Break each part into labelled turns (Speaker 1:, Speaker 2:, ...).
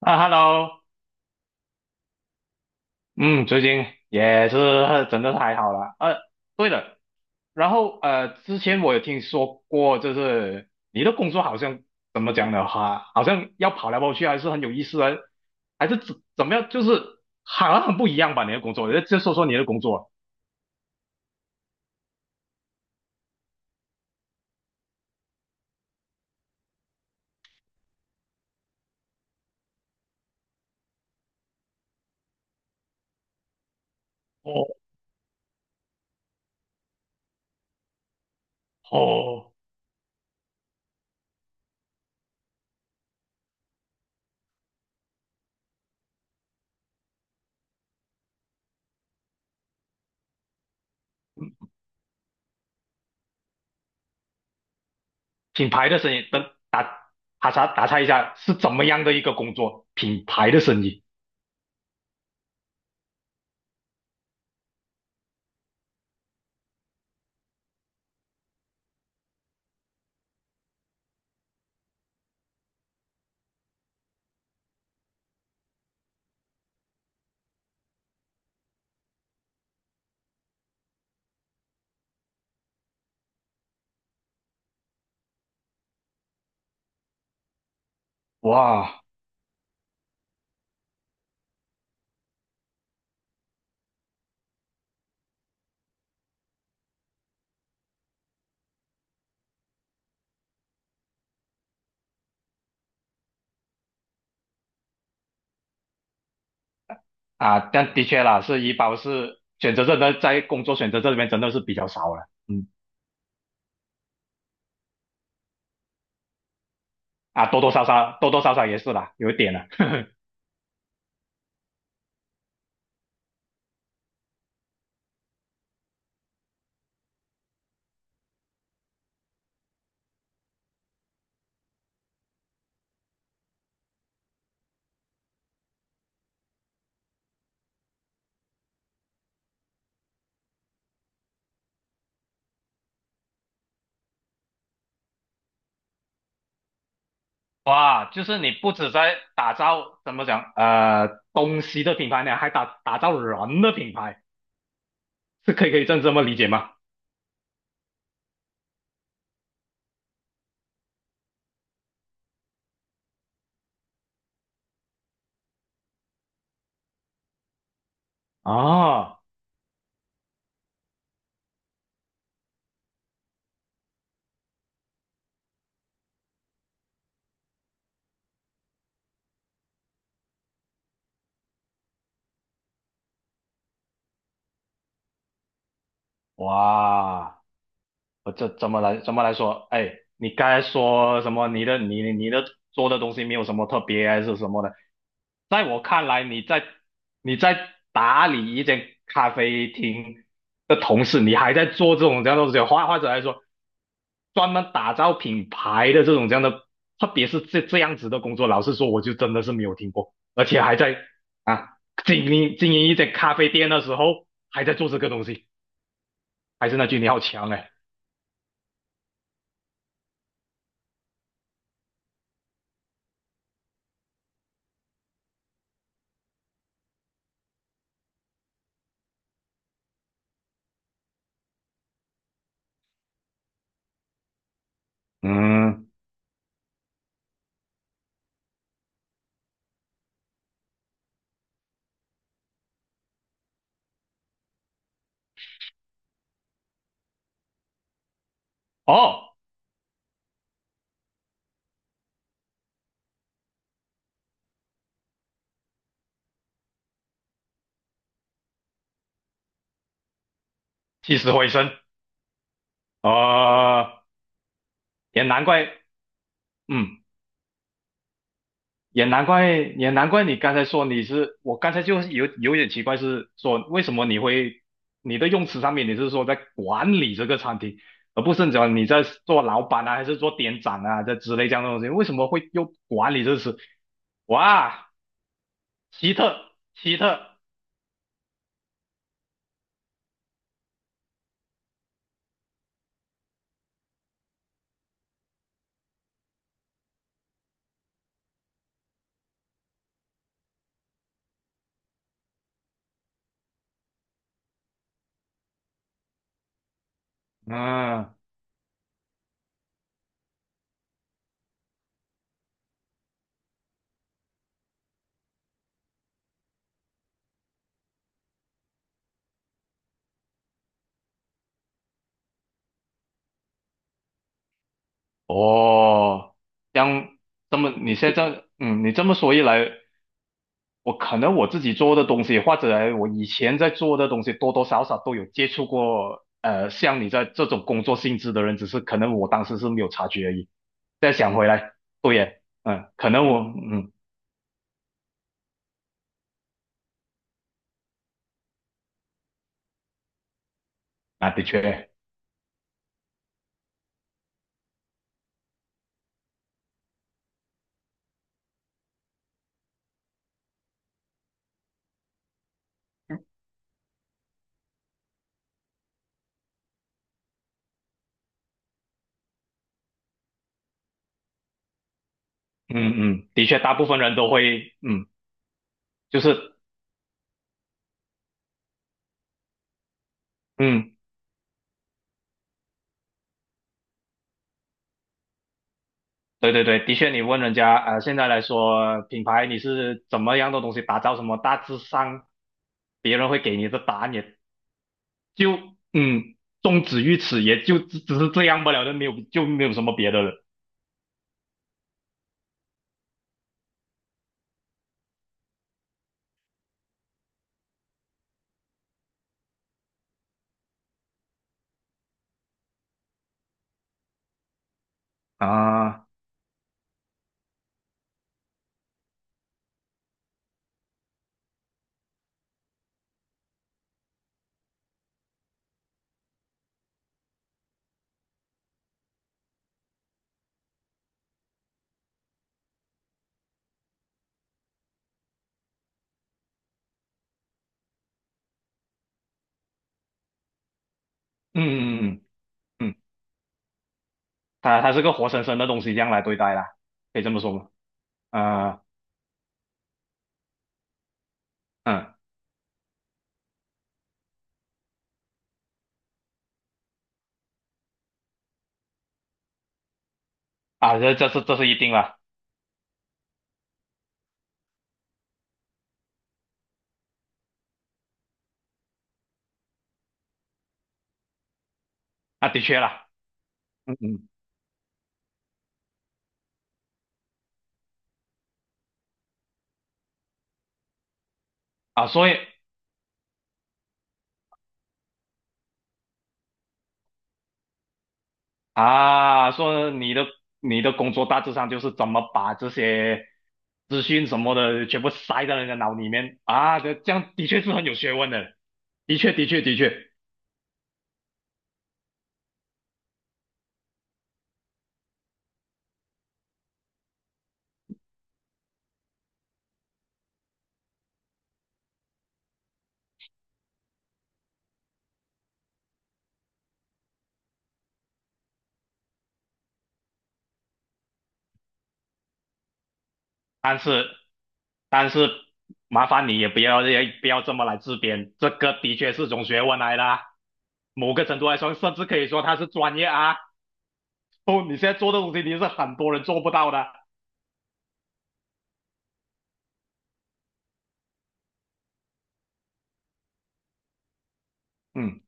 Speaker 1: 啊，Hello，嗯，最近也是真的太好了。对了，然后之前我有听说过，就是你的工作好像怎么讲的话，好像要跑来跑去，还是很有意思的，还是怎么样，就是好像很不一样吧？你的工作，就说说你的工作。哦哦，品牌的生意，等打打岔一下，是怎么样的一个工作？品牌的生意，哇。啊，但的确啦，是医保是选择这的在工作选择这里面真的是比较少了，嗯，啊，多多少少也是啦，有一点了。哇，就是你不止在打造怎么讲东西的品牌呢，还打打造人的品牌，是可以这样这么理解吗？啊，哇，我这怎么来说？哎，你刚才说什么？你的你的做的东西没有什么特别还是什么的？在我看来，你在打理一间咖啡厅的同时，你还在做这种这样的东西，或者来说，专门打造品牌的这种这样的，特别是这这样子的工作，老实说，我就真的是没有听过，而且还在啊经营一间咖啡店的时候，还在做这个东西，还是那句你好强哎，嗯，哦，起死回生，哦，也难怪，嗯。也难怪，也难怪你刚才说你是，我刚才就是有有点奇怪，是说为什么你会你的用词上面你是说在管理这个餐厅，而不是讲你在做老板啊，还是做店长啊这之类这样的东西，为什么会用管理这个词？哇，奇特，奇特，嗯，哦，这样这么你现在这样嗯，你这么说一来，我可能我自己做的东西，或者我以前在做的东西，多多少少都有接触过。像你在这种工作性质的人，只是可能我当时是没有察觉而已。再想回来，对耶，嗯，可能我，嗯，啊，的确，嗯嗯，的确，大部分人都会，嗯，嗯就是，嗯，对对对，的确，你问人家，现在来说，品牌你是怎么样的东西打造，什么大致上，别人会给你的答案也就嗯，终止于此，也就只是这样不了的，没有就没有什么别的了啊。嗯嗯嗯嗯，嗯他它是个活生生的东西，这样来对待啦，可以这么说吗？啊嗯啊，这是一定啦，啊的确啦，嗯嗯啊，所以啊，说你的你的工作大致上就是怎么把这些资讯什么的全部塞在人家脑里面啊，这这样的确是很有学问的，的确的确的确。但是麻烦你也不要这么来自编，这个的确是种学问来的啊某个程度来说，甚至可以说它是专业啊。哦，你现在做的东西，你是很多人做不到的。嗯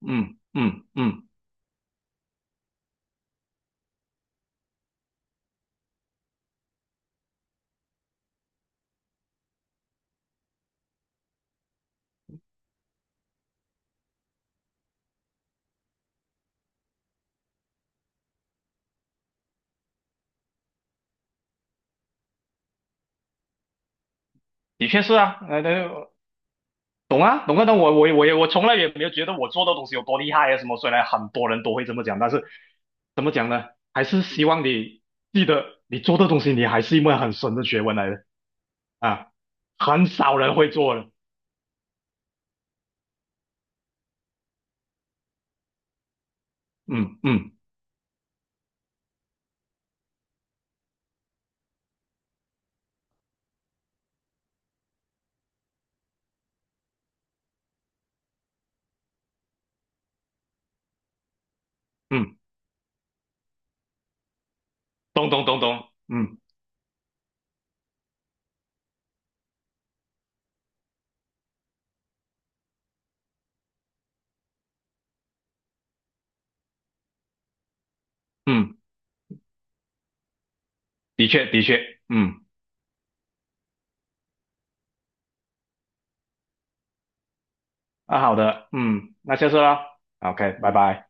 Speaker 1: 嗯嗯嗯，的确是啊，那懂啊懂啊。那我从来也没有觉得我做的东西有多厉害啊什么。虽然很多人都会这么讲，但是怎么讲呢？还是希望你记得，你做的东西，你还是一门很深的学问来的啊，很少人会做的。嗯嗯嗯。咚咚咚咚，嗯嗯，的确的确，嗯，啊，好的，嗯，那下次啦，OK，拜拜。